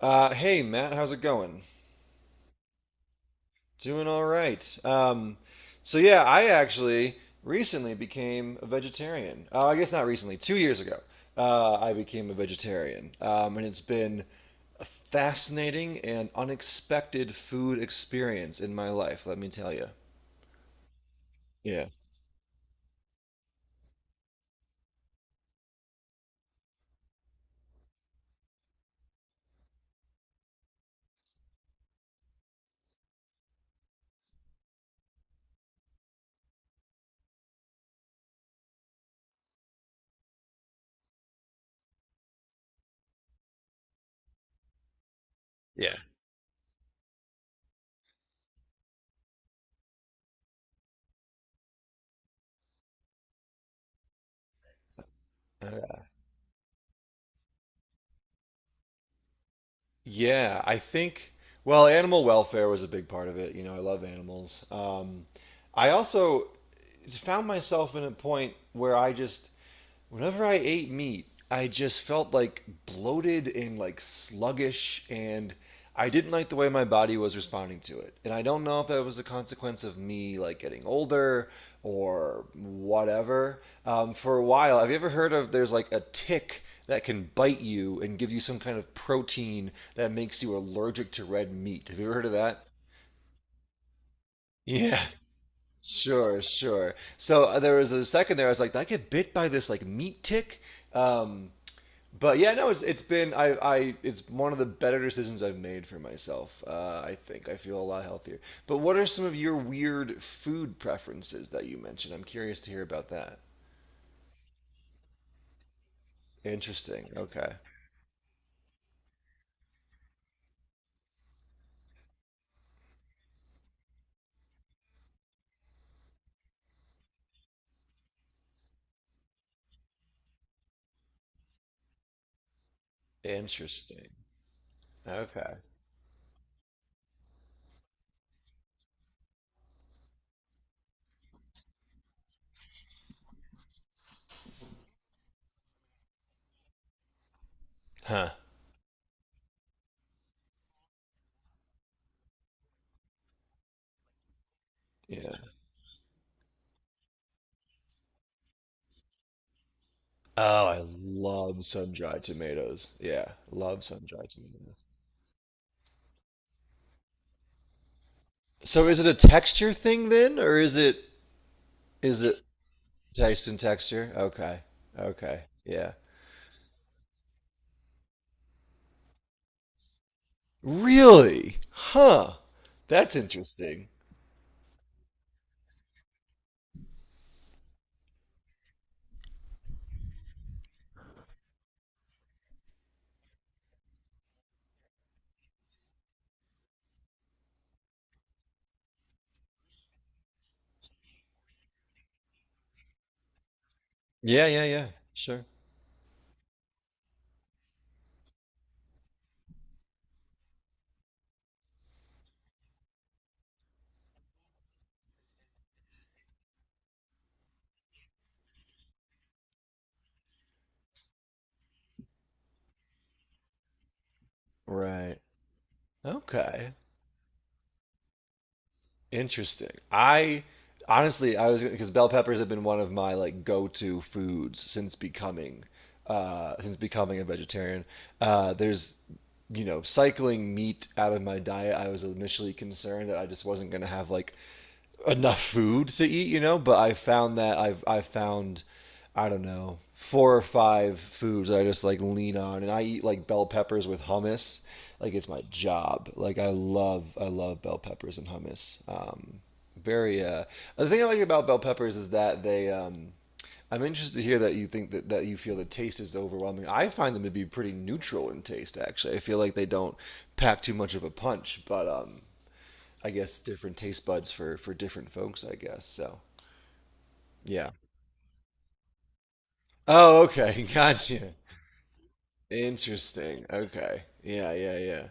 Hey Matt, how's it going? Doing all right. So yeah, I actually recently became a vegetarian. I guess not recently, 2 years ago. I became a vegetarian, and it's been a fascinating and unexpected food experience in my life. Let me tell you. Yeah. Yeah. Yeah, I think, well, animal welfare was a big part of it. You know, I love animals. I also found myself in a point where I just, whenever I ate meat, I just felt like bloated and like sluggish, and I didn't like the way my body was responding to it. And I don't know if that was a consequence of me like getting older or whatever. For a while, have you ever heard of there's like a tick that can bite you and give you some kind of protein that makes you allergic to red meat? Have you ever heard of that? Yeah. Sure, sure. So there was a second there. I was like, "Did I get bit by this like meat tick?" Um, but yeah, no, it's been, I it's one of the better decisions I've made for myself. I think I feel a lot healthier. But what are some of your weird food preferences that you mentioned? I'm curious to hear about that. Interesting. Okay. Interesting. Okay. Huh. Yeah. Oh, I love sun-dried tomatoes. Yeah, love sun-dried tomatoes. So is it a texture thing then, or is it taste and texture? Okay. Okay. Yeah. Really? Huh. That's interesting. Yeah, yeah, yeah. Sure. Right. Okay. Interesting. I honestly, I was because bell peppers have been one of my like go-to foods since becoming a vegetarian. There's cycling meat out of my diet. I was initially concerned that I just wasn't going to have like enough food to eat. But I found that I found I don't know, four or five foods that I just like lean on. And I eat like bell peppers with hummus. Like it's my job. Like I love bell peppers and hummus. Very, uh, the thing I like about bell peppers is that I'm interested to hear that you think that you feel the taste is overwhelming. I find them to be pretty neutral in taste, actually. I feel like they don't pack too much of a punch, but I guess different taste buds for different folks, I guess. So, yeah. Oh, okay. Gotcha. Interesting. Okay. Yeah, yeah, yeah.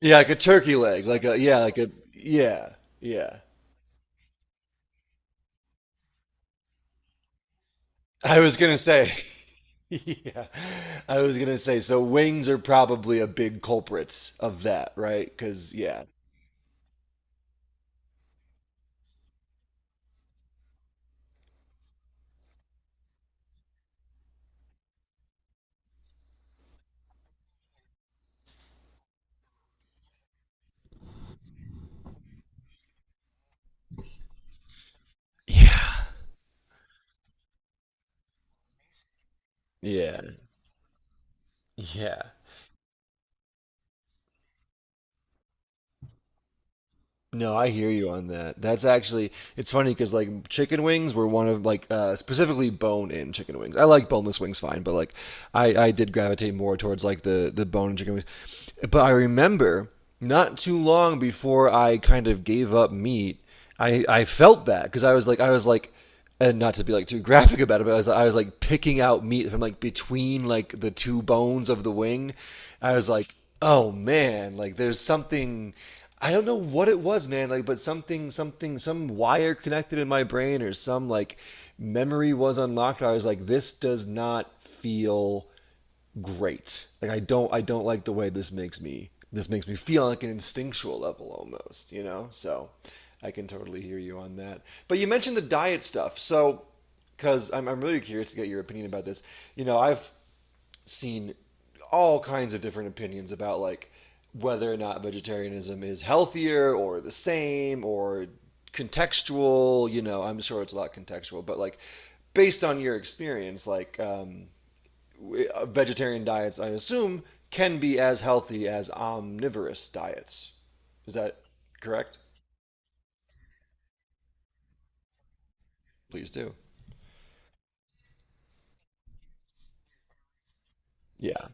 Yeah, like a turkey leg, like a yeah, yeah. I was gonna say, yeah, I was gonna say. So wings are probably a big culprits of that, right? Because yeah. Yeah. Yeah, yeah. No, I hear you on that. That's actually it's funny because like chicken wings were one of like specifically bone-in chicken wings. I like boneless wings fine, but like I did gravitate more towards like the bone-in chicken wings. But I remember, not too long before I kind of gave up meat, I felt that because I was like, and not to be like too graphic about it, but I was like picking out meat from like between like the two bones of the wing. I was like, oh man, like there's something. I don't know what it was, man. Like, but some wire connected in my brain or some like memory was unlocked. I was like, this does not feel great. Like I don't like the way this makes me feel on, like an instinctual level almost, you know? So I can totally hear you on that. But you mentioned the diet stuff. So cuz I'm really curious to get your opinion about this. You know, I've seen all kinds of different opinions about like whether or not vegetarianism is healthier or the same or contextual. You know, I'm sure it's a lot contextual, but like based on your experience like vegetarian diets, I assume, can be as healthy as omnivorous diets. Is that correct? Please do. Yeah.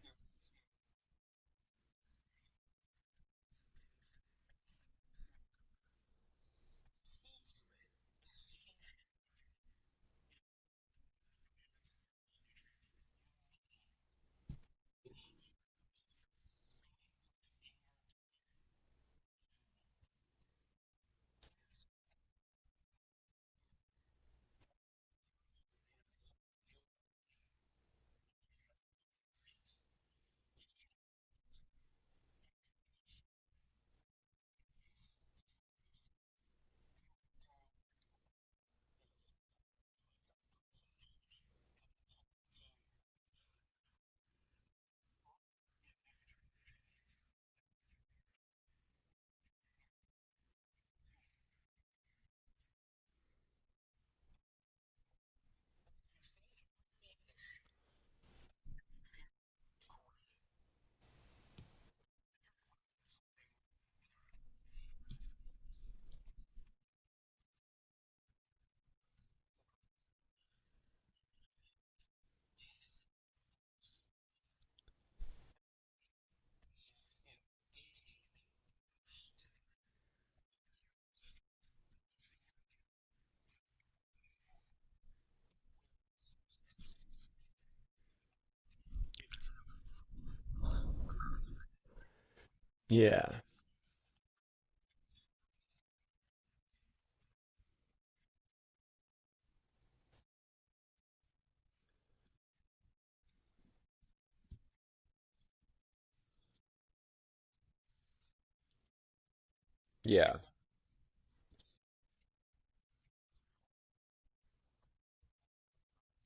Yeah. Yeah.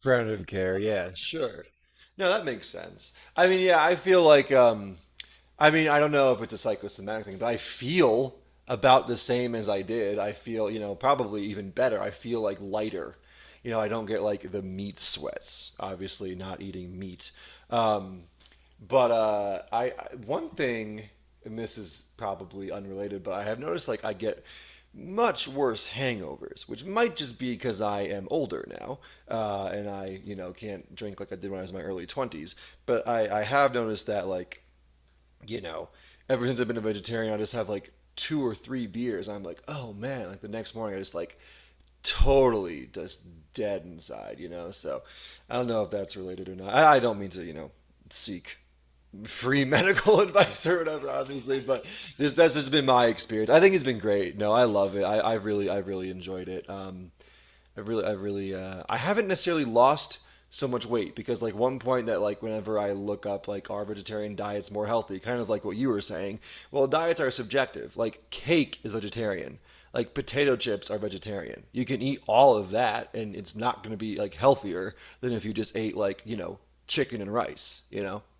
Preventative care. Yeah. Sure. No, that makes sense. I mean, yeah, I feel like I mean, I don't know if it's a psychosomatic thing, but I feel about the same as I did. I feel, you know, probably even better. I feel like lighter. You know, I don't get like the meat sweats. Obviously, not eating meat. Um, but I one thing, and this is probably unrelated, but I have noticed like I get much worse hangovers, which might just be because I am older now, and I you know can't drink like I did when I was in my early twenties. But I have noticed that like you know, ever since I've been a vegetarian, I just have like two or three beers. I'm like, oh man, like the next morning, I just like totally just dead inside, you know? So I don't know if that's related or not. I don't mean to, you know, seek free medical advice or whatever, obviously, but this, that's just been my experience. I think it's been great. No, I love it. I really enjoyed it. I haven't necessarily lost so much weight because like one point that like whenever I look up like are vegetarian diets more healthy, kind of like what you were saying. Well, diets are subjective. Like cake is vegetarian. Like potato chips are vegetarian. You can eat all of that, and it's not going to be like healthier than if you just ate like you know chicken and rice. You know.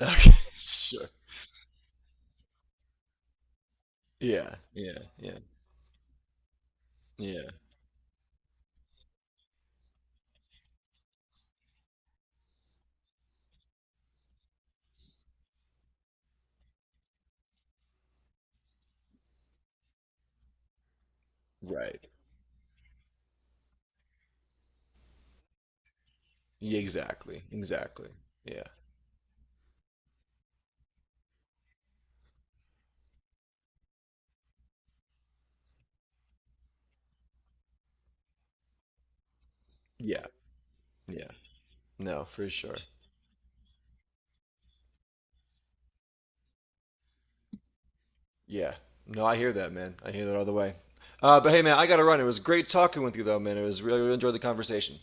Okay. Sure. Yeah. Yeah. Yeah. Yeah. Right. Yeah, exactly. Exactly. Yeah. Yeah. Yeah. No, for sure. Yeah. No, I hear that, man. I hear that all the way. But hey, man, I got to run. It was great talking with you, though, man. It was really, really enjoyed the conversation.